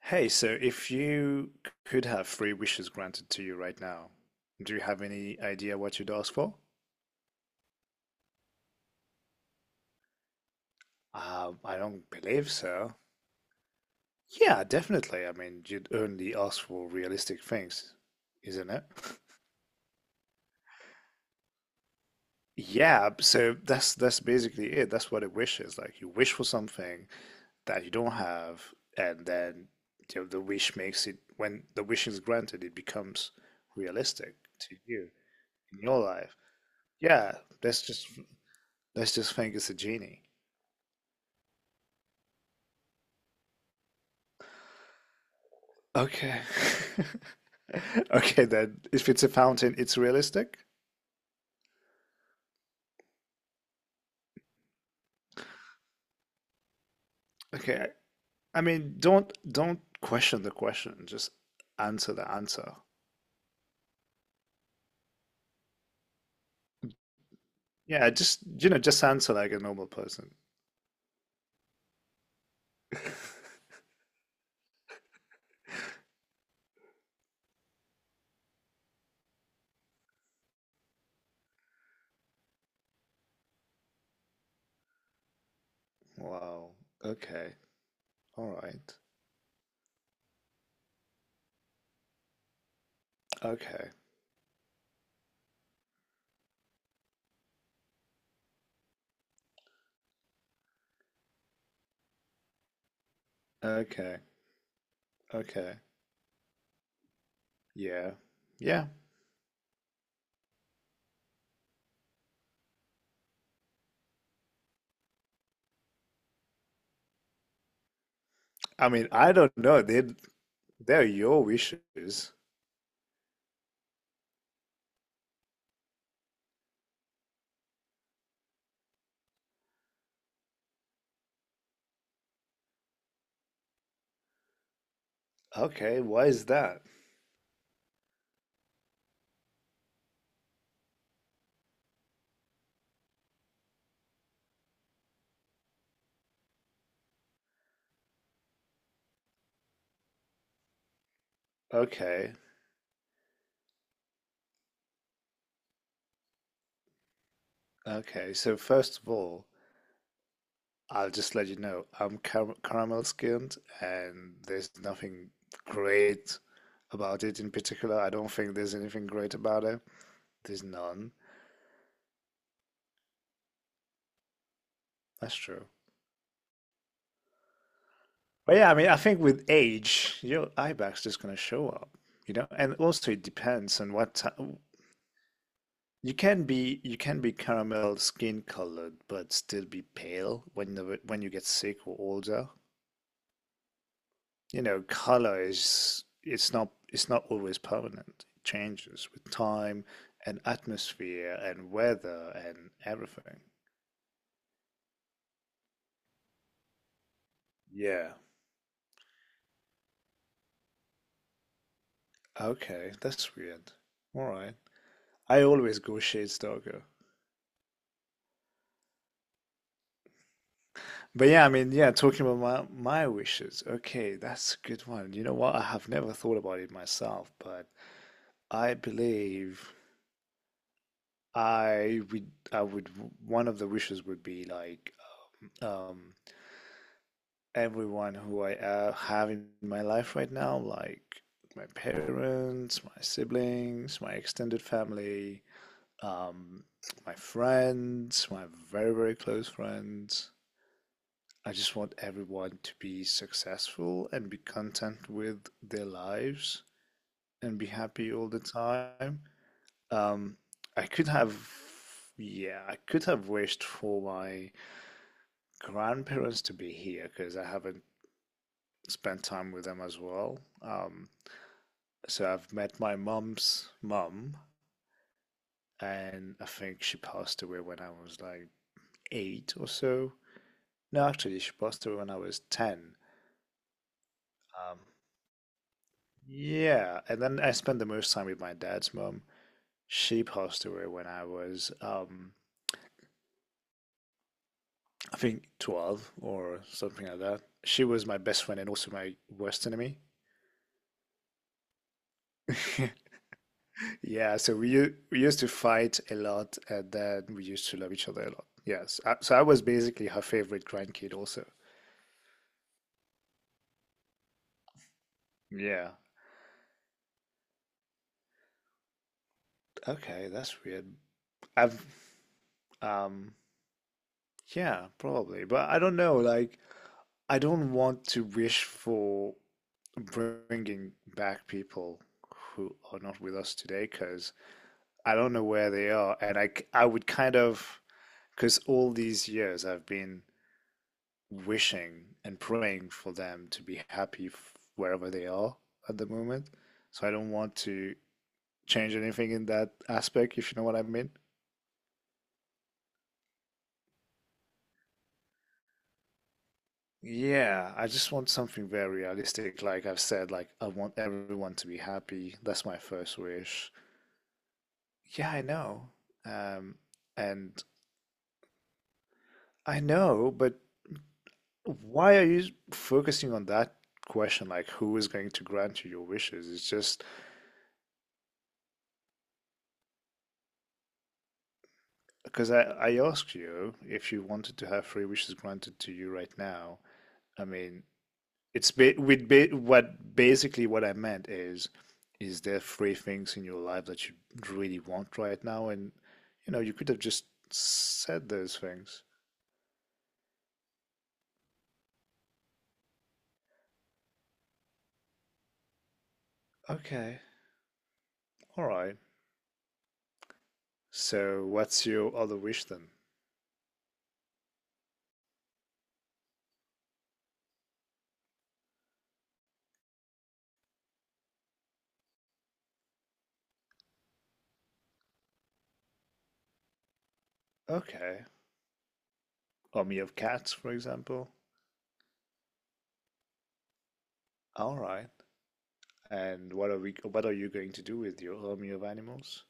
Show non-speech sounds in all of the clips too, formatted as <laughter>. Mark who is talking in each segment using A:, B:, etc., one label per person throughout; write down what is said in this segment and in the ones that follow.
A: Hey, so if you could have three wishes granted to you right now, do you have any idea what you'd ask for? I don't believe so. Yeah, definitely. I mean, you'd only ask for realistic things, isn't it? Yeah, so that's basically it. That's what a wish is. Like you wish for something that you don't have, and then the wish makes it, when the wish is granted, it becomes realistic to you in your life. Yeah, that's just. Let's just think it's a genie. Okay. <laughs> Okay, then if it's a fountain, it's realistic. Okay. I mean, don't question the question. Just answer the answer. Yeah, just just answer like a normal person. Wow. Okay. All right. Okay. Okay. Okay. Yeah. Yeah. I mean, I don't know. They they're your wishes. Okay. Why is that? Okay. Okay. So first of all, I'll just let you know, I'm caramel skinned, and there's nothing great about it in particular. I don't think there's anything great about it. There's none. That's true. But yeah, I mean, I think with age, your eye bag's just gonna show up, you know? And also it depends on what time. You can be caramel skin colored, but still be pale when the, when you get sick or older. You know, color is it's not always permanent. It changes with time and atmosphere and weather and everything. Yeah. Okay, that's weird. All right. I always go shades darker. But yeah, I mean, yeah, talking about my wishes. Okay, that's a good one. You know what? I have never thought about it myself, but I believe I would one of the wishes would be like um everyone who I have in my life right now, like my parents, my siblings, my extended family, um, my friends, my very, very close friends. I just want everyone to be successful and be content with their lives and be happy all the time. Um, I could have, yeah, I could have wished for my grandparents to be here because I haven't spent time with them as well. So I've met my mom's mom, and I think she passed away when I was like 8 or so. No, actually, she passed away when I was 10. Um, yeah, and then I spent the most time with my dad's mom. She passed away when I was, I think, 12 or something like that. She was my best friend and also my worst enemy. <laughs> Yeah, so we we used to fight a lot, and then we used to love each other a lot. Yes, I, so I was basically her favorite grandkid also. Yeah. Okay, that's weird. I've um yeah, probably, but I don't know. Like, I don't want to wish for bringing back people who are not with us today because I don't know where they are, and I would kind of because all these years I've been wishing and praying for them to be happy wherever they are at the moment. So I don't want to change anything in that aspect, if you know what I mean. Yeah, I just want something very realistic. Like I've said, like I want everyone to be happy. That's my first wish. Yeah, I know. Um, and I know, but why are you focusing on that question? Like, who is going to grant you your wishes? It's just. Because I asked you if you wanted to have three wishes granted to you right now. I mean, it's ba- with ba- what basically what I meant is there three things in your life that you really want right now? And you could have just said those things. Okay, all right. So what's your other wish then? Okay, army of cats, for example. All right. And what are we? What are you going to do with your army of animals?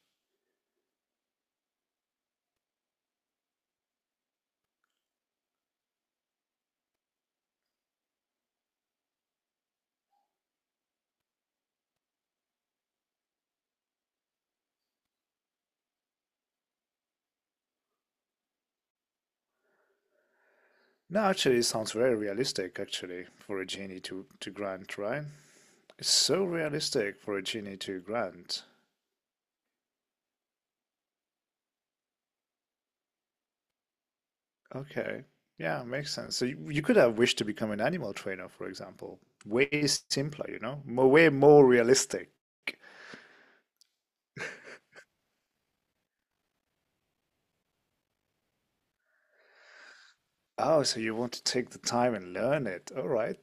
A: No, actually, it sounds very realistic, actually, for a genie to grant, right? It's so realistic for a genie to grant. Okay. Yeah, makes sense. So you could have wished to become an animal trainer, for example. Way simpler, you know? Mo- way more realistic. Oh, so you want to take the time and learn it. All right.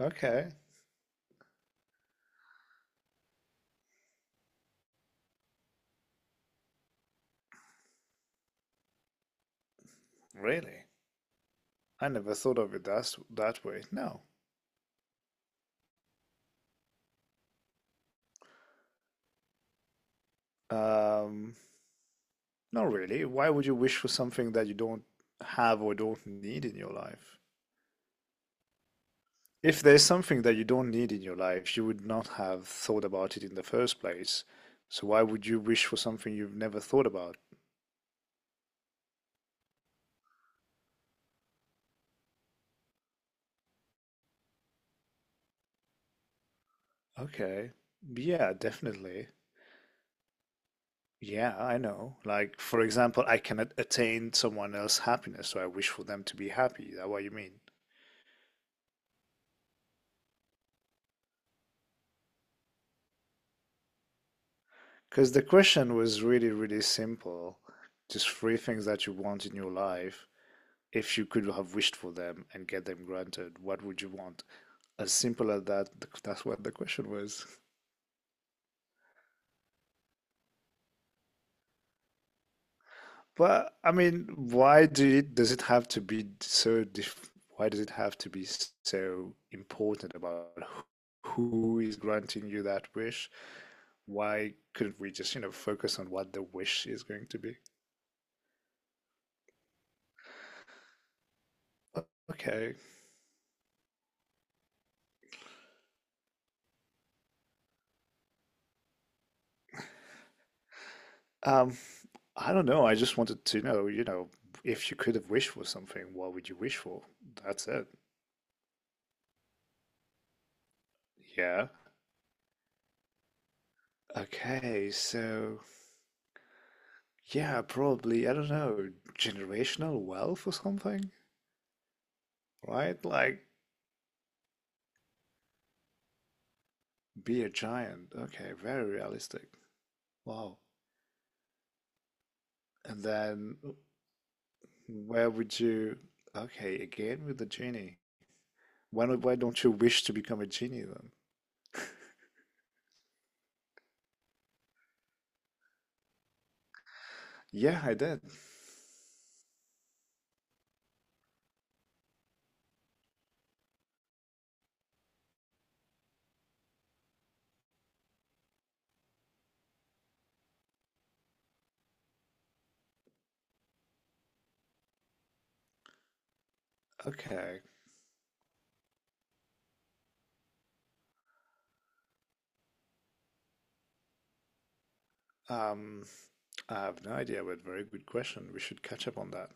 A: Okay. Really? I never thought of it that way. No. Um, Not really. Why would you wish for something that you don't have or don't need in your life? If there's something that you don't need in your life, you would not have thought about it in the first place. So why would you wish for something you've never thought about? Okay. Yeah, definitely. Yeah, I know. Like, for example, I cannot attain someone else's happiness, so I wish for them to be happy. Is that what you mean? Because the question was really, really simple. Just three things that you want in your life. If you could have wished for them and get them granted, what would you want? As simple as that, that's what the question was. <laughs> But I mean, does it have to be so dif why does it have to be so important about who is granting you that wish? Why couldn't we just, focus on what the wish is going to be? O- Okay. Um, I don't know. I just wanted to know, if you could have wished for something, what would you wish for? That's it. Yeah. Okay, so yeah, probably, I don't know, generational wealth or something, right? Like. Be a giant. Okay, very realistic. Wow. And then where would you? Okay, again with the genie. Why not, why don't you wish to become a genie then? Yeah, I did. Okay. Um, I have no idea, but very good question. We should catch up on that.